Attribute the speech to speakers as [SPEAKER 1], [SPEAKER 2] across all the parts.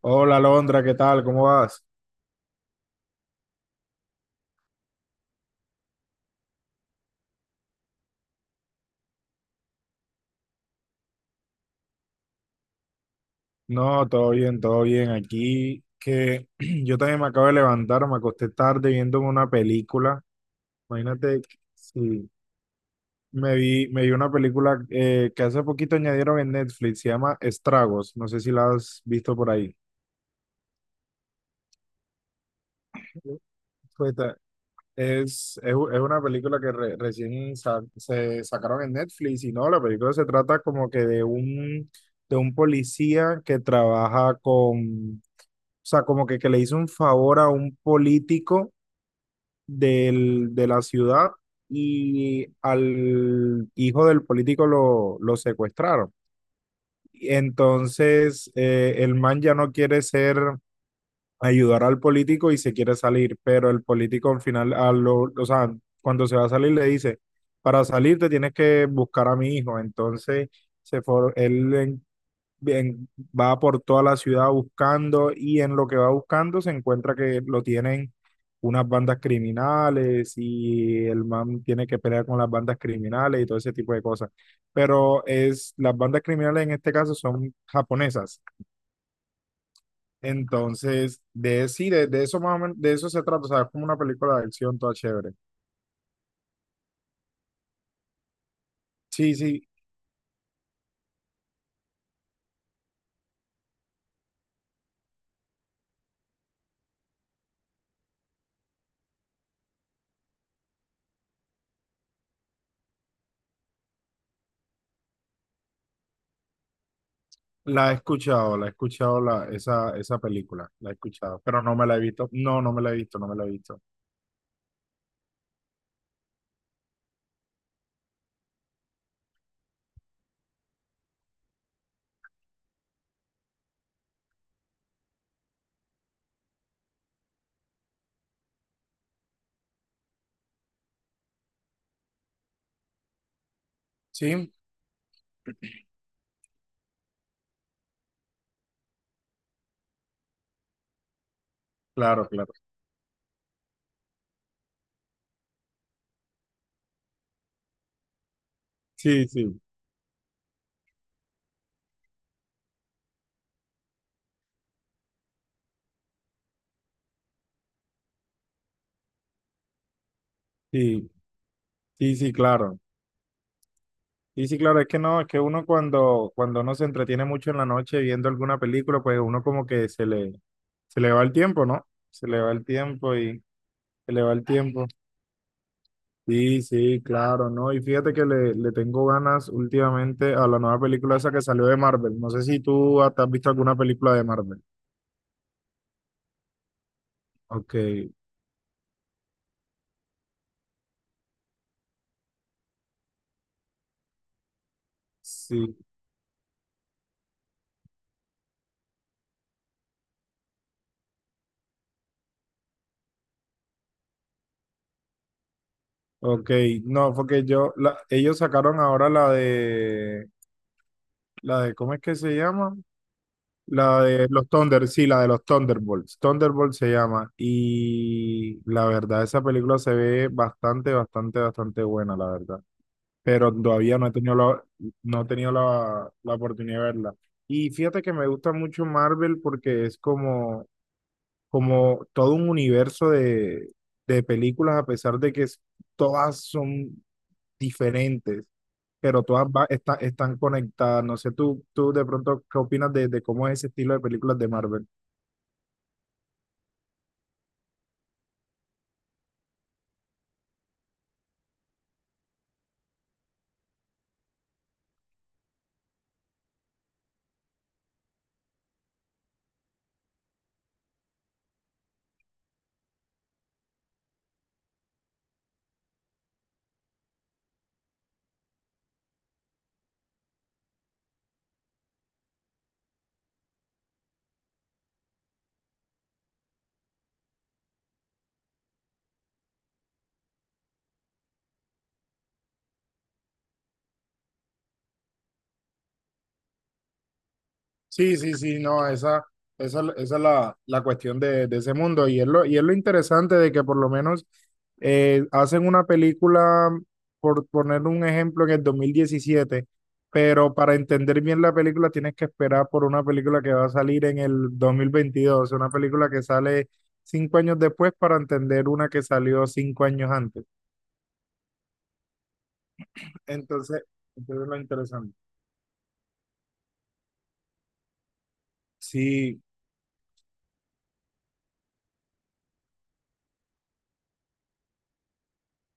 [SPEAKER 1] Hola Londra, ¿qué tal? ¿Cómo vas? No, todo bien, todo bien. Aquí que yo también me acabo de levantar, me acosté tarde viéndome una película. Imagínate, sí, me vi una película que hace poquito añadieron en Netflix, se llama Estragos. No sé si la has visto por ahí. Pues, ta- es una película que recién se sacaron en Netflix y no, la película se trata como que de un policía que trabaja con. O sea, como que le hizo un favor a un político del, de la ciudad y al hijo del político lo secuestraron. Y entonces, el man ya no quiere ser, ayudar al político y se quiere salir, pero el político al final, o sea, cuando se va a salir le dice, para salir te tienes que buscar a mi hijo. Entonces, se for- él en- Bien, va por toda la ciudad buscando y en lo que va buscando se encuentra que lo tienen unas bandas criminales y el man tiene que pelear con las bandas criminales y todo ese tipo de cosas. Pero las bandas criminales en este caso son japonesas. Entonces, sí, de eso más o menos, de eso se trata. O sea, es como una película de acción toda chévere. Sí, sí, la he escuchado esa película, la he escuchado, pero no me la he visto. No, no me la he visto, no me la he visto. Sí, claro, claro. Sí, sí, sí, sí, sí, claro. Sí, sí, claro, es que no, es que uno cuando, uno se entretiene mucho en la noche viendo alguna película, pues uno como que se le va el tiempo, ¿no? Se le va el tiempo y se le va el tiempo. Sí, sí, claro, ¿no? Y fíjate que le tengo ganas últimamente a la nueva película esa que salió de Marvel. No sé si tú hasta has visto alguna película de Marvel. Ok, sí, ok. No, porque yo, ellos sacaron ahora la de, ¿cómo es que se llama? La de los Thunder, sí, la de los Thunderbolts. Thunderbolts se llama. Y la verdad, esa película se ve bastante, bastante, bastante buena, la verdad. Pero todavía no he tenido la oportunidad de verla. Y fíjate que me gusta mucho Marvel porque es como, todo un universo de películas, a pesar de que todas son diferentes, pero todas están conectadas. No sé, tú de pronto, ¿qué opinas de cómo es ese estilo de películas de Marvel? Sí, sí, sí, no, esa, esa es la cuestión de ese mundo. Y es lo interesante de que por lo menos hacen una película, por poner un ejemplo, en el 2017, pero para entender bien la película tienes que esperar por una película que va a salir en el 2022, una película que sale 5 años después para entender una que salió 5 años antes. Entonces, es lo interesante. Sí,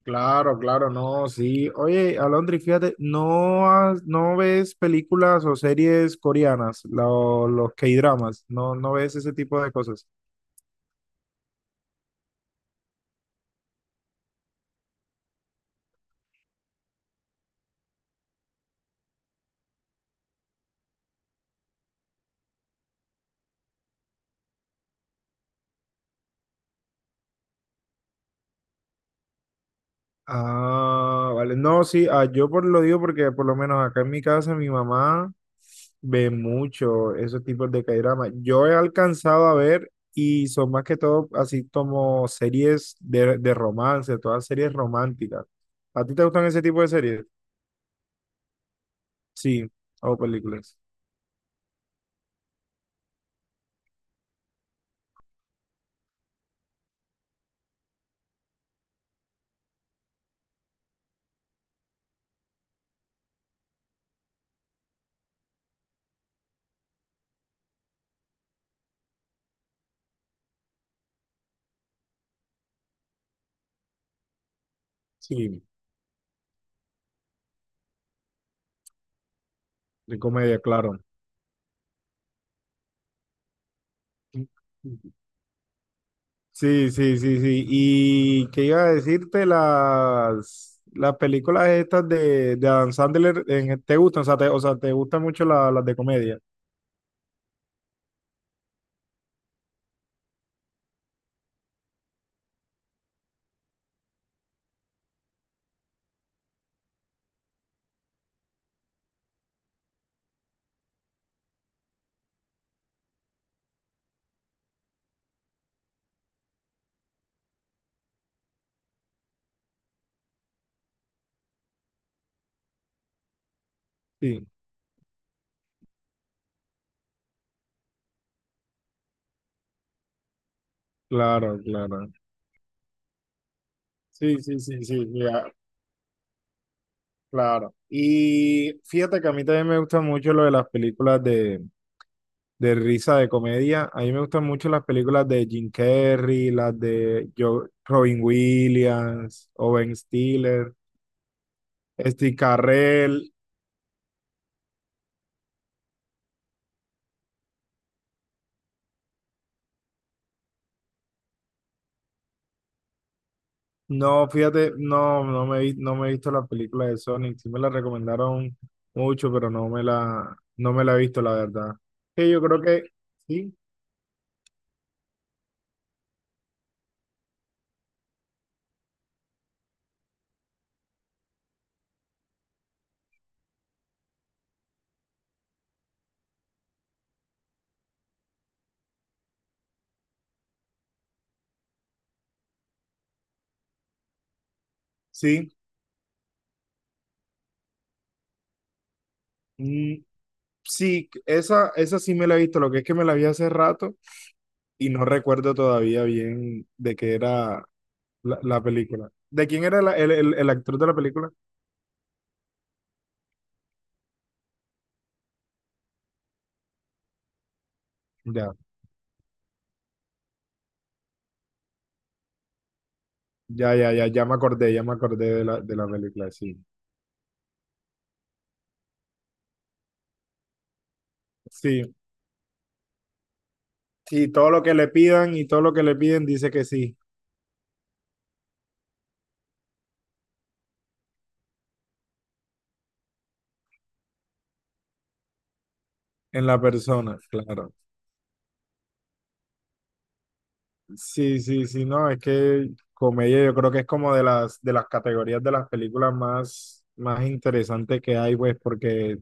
[SPEAKER 1] claro, claro, no, sí. Oye, Alondri, fíjate, ¿no, no ves películas o series coreanas, los K-dramas? ¿No, no ves ese tipo de cosas? Ah, vale. No, sí, lo digo porque por lo menos acá en mi casa mi mamá ve mucho esos tipos de K-dramas. Yo he alcanzado a ver y son más que todo así como series de romance, todas series románticas. ¿A ti te gustan ese tipo de series? Sí, o películas. Sí. De comedia, claro. Sí, sí, sí, sí. Y qué iba a decirte las, películas estas de Adam Sandler, ¿te gustan? O sea, ¿te gustan mucho las de comedia? Sí, claro, claro. Sí, sí, sí, sí, sí, claro. Y fíjate que a mí también me gusta mucho lo de las películas de risa de comedia. A mí me gustan mucho las películas de Jim Carrey, las de Robin Williams, Owen Stiller. Steve Carell. No, fíjate, no, no me he visto la película de Sonic. Sí me la recomendaron mucho, pero no me la he visto, la verdad. Que yo creo que sí, sí, mm, sí, esa, sí me la he visto. Lo que es que me la vi hace rato y no recuerdo todavía bien de qué era la película. ¿De quién era el actor de la película? Ya, ya, ya, ya, ya me acordé de la película, sí. Sí, sí, todo lo que le pidan y todo lo que le piden dice que sí. En la persona, claro. Sí, sí, sí, no, es que comedia yo creo que es como de las categorías de las películas más interesantes que hay, pues, porque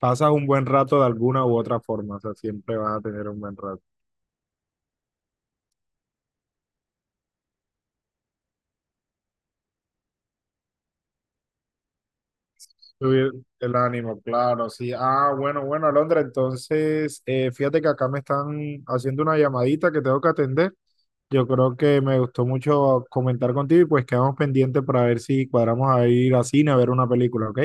[SPEAKER 1] pasas un buen rato de alguna u otra forma, o sea, siempre vas a tener un buen rato. Subir el ánimo, claro, sí. Ah, bueno, bueno, Alondra, entonces, fíjate que acá me están haciendo una llamadita que tengo que atender. Yo creo que me gustó mucho comentar contigo y pues quedamos pendientes para ver si cuadramos a ir a cine a ver una película, ¿ok?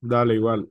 [SPEAKER 1] Dale, igual.